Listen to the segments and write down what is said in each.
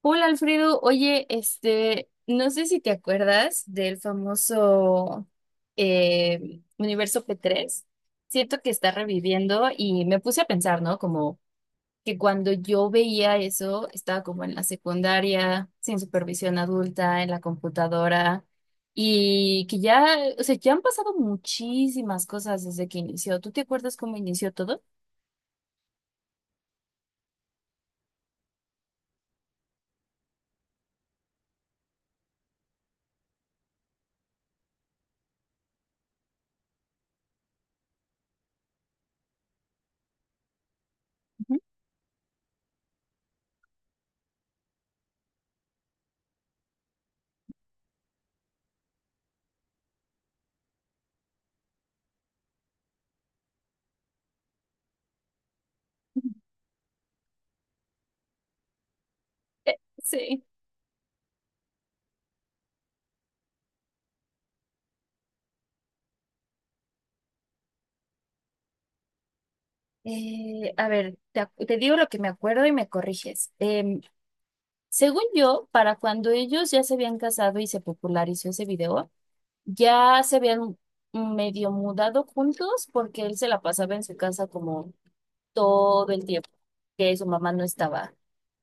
Hola Alfredo, oye, este, no sé si te acuerdas del famoso Universo p tres. Siento que está reviviendo y me puse a pensar, ¿no? Como que cuando yo veía eso, estaba como en la secundaria, sin supervisión adulta, en la computadora, y que ya, o sea, ya han pasado muchísimas cosas desde que inició. ¿Tú te acuerdas cómo inició todo? Eh, Sí. A ver, te, te digo lo que me acuerdo y me corriges. Según yo, para cuando ellos ya se habían casado y se popularizó ese video, ya se habían medio mudado juntos porque él se la pasaba en su casa como todo el tiempo que su mamá no estaba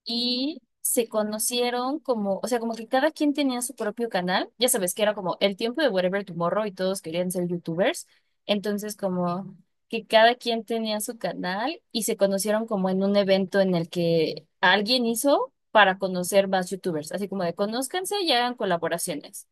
y se conocieron como, o sea, como que cada quien tenía su propio canal, ya sabes que era como el tiempo de Whatever Tomorrow y todos querían ser youtubers, entonces como que cada quien tenía su canal y se conocieron como en un evento en el que alguien hizo para conocer más youtubers, así como de conózcanse y hagan colaboraciones.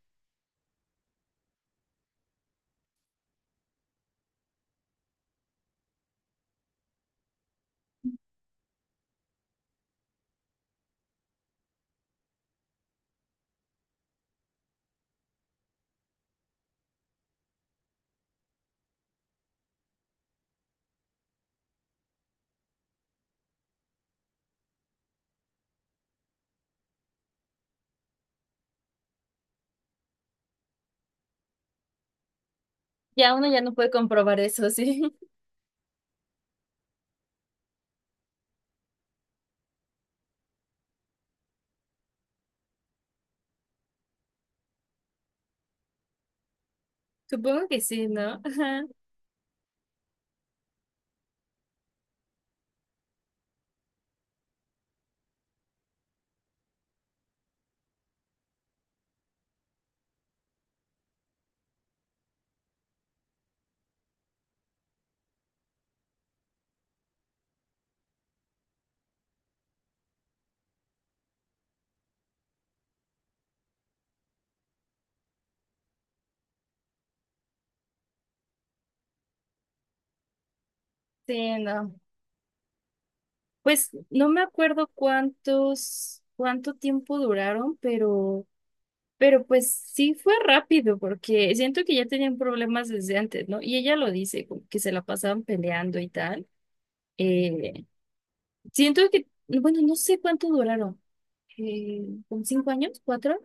Ya uno ya no puede comprobar eso, ¿sí? Supongo que sí, ¿no? Ajá. Sí, no. Pues no me acuerdo cuántos, cuánto tiempo duraron, pero pues sí fue rápido, porque siento que ya tenían problemas desde antes, ¿no? Y ella lo dice, como que se la pasaban peleando y tal. Eh, Siento que, bueno, no sé cuánto duraron, eh, ¿como cinco años? ¿Cuatro?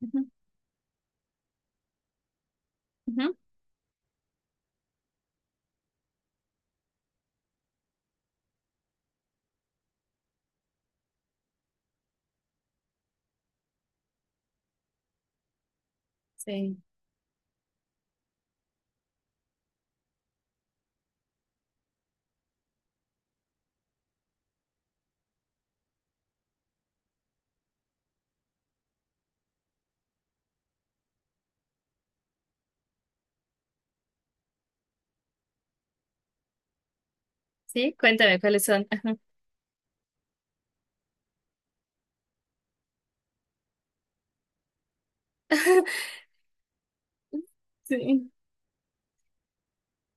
Ujú, ujú. Sí, sí, cuéntame cuáles son. Sí.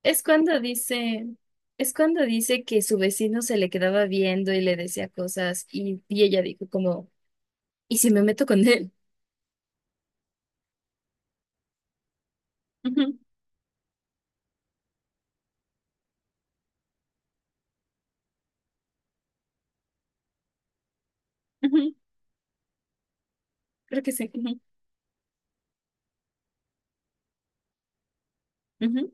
Es cuando dice, es cuando dice que su vecino se le quedaba viendo y le decía cosas, y ella dijo como, ¿y si me meto con él? Ujú, ujú, creo que sí. Ujú, ujú,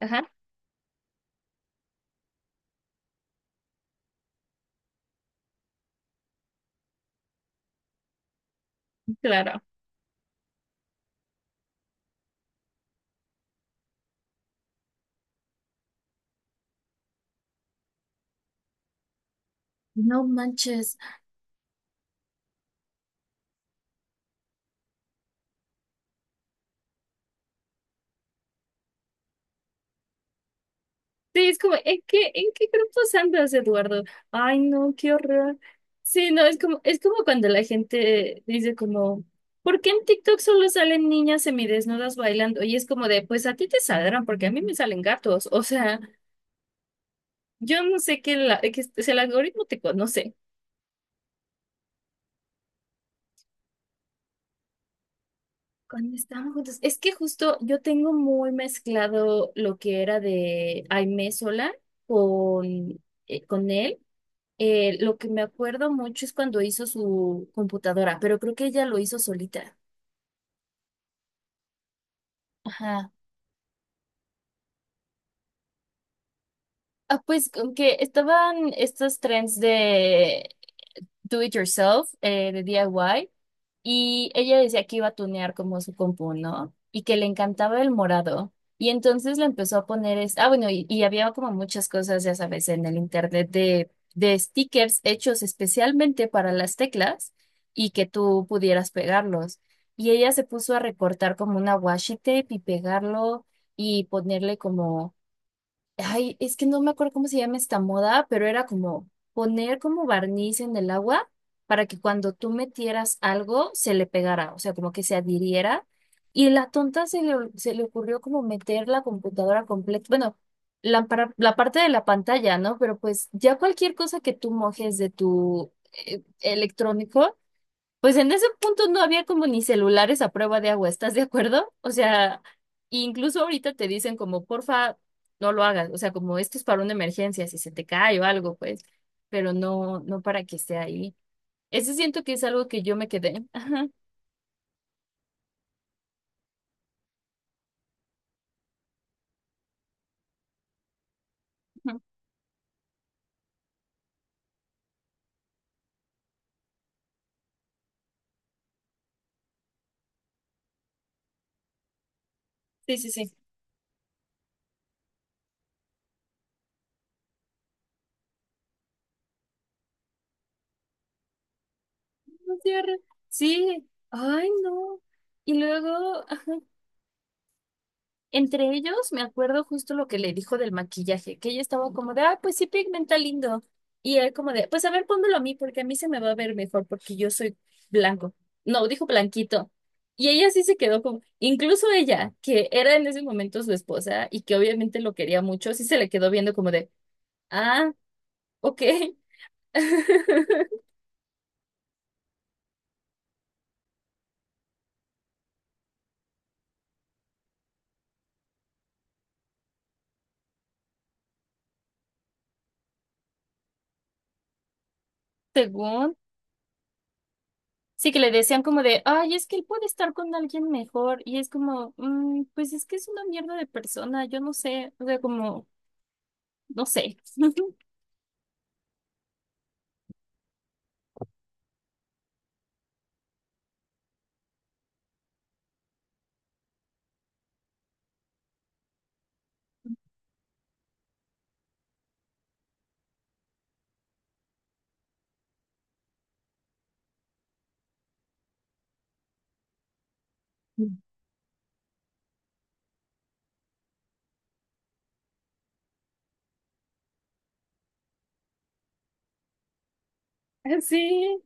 ajá. Claro. No manches. Sí, es como, en qué grupos andas, Eduardo? Ay, no, qué horror. Sí, no, es como cuando la gente dice como, ¿por qué en TikTok solo salen niñas semidesnudas bailando? Y es como de, pues a ti te saldrán, porque a mí me salen gatos. O sea, yo no sé qué, la, que es si el algoritmo te conoce. Cuando estábamos juntos, es que justo yo tengo muy mezclado lo que era de Aimee sola con él. Lo que me acuerdo mucho es cuando hizo su computadora, pero creo que ella lo hizo solita. Ajá. Ah, pues con que estaban estos trends de do it yourself, de DIY. Y ella decía que iba a tunear como su compu, ¿no? Y que le encantaba el morado. Y entonces le empezó a poner, es... ah, bueno, y había como muchas cosas, ya sabes, en el internet de stickers hechos especialmente para las teclas y que tú pudieras pegarlos. Y ella se puso a recortar como una washi tape y pegarlo y ponerle como ay, es que no me acuerdo cómo se llama esta moda, pero era como poner como barniz en el agua para que cuando tú metieras algo se le pegara, o sea, como que se adhiriera. Y la tonta se le ocurrió como meter la computadora completa, bueno, la, la parte de la pantalla, ¿no? Pero pues ya cualquier cosa que tú mojes de tu electrónico pues en ese punto no había como ni celulares a prueba de agua, ¿estás de acuerdo? O sea, incluso ahorita te dicen como, porfa, no lo hagas, o sea, como esto es para una emergencia, si se te cae o algo, pues, pero no, no para que esté ahí. Ese siento que es algo que yo me quedé. Ajá, sí, sí, sí. No cierre. Sí, ay, no. Y luego, entre ellos, me acuerdo justo lo que le dijo del maquillaje, que ella estaba como de, ah, pues sí, pigmenta lindo. Y él como de, pues a ver, pónmelo a mí, porque a mí se me va a ver mejor, porque yo soy blanco. No, dijo blanquito. Y ella sí se quedó como, incluso ella, que era en ese momento su esposa y que obviamente lo quería mucho, sí se le quedó viendo como de, ah, ok. Según, sí que le decían como de, ay, es que él puede estar con alguien mejor. Y es como, "Mm, pues es que es una mierda de persona, yo no sé, o sea, como... no sé. Sí,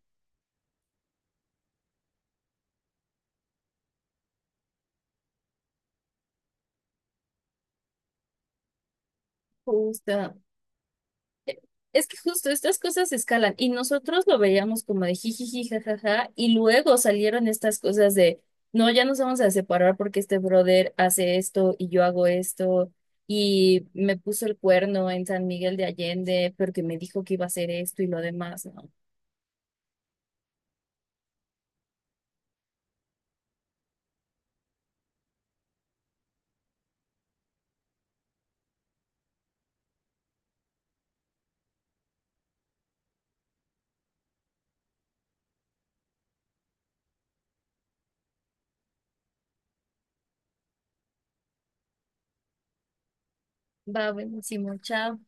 justo. Es que justo estas cosas escalan y nosotros lo veíamos como de jijiji, jajaja, y luego salieron estas cosas de, no, ya nos vamos a separar porque este brother hace esto y yo hago esto y me puso el cuerno en San Miguel de Allende porque me dijo que iba a hacer esto y lo demás, ¿no? Va, buenísimo, chao.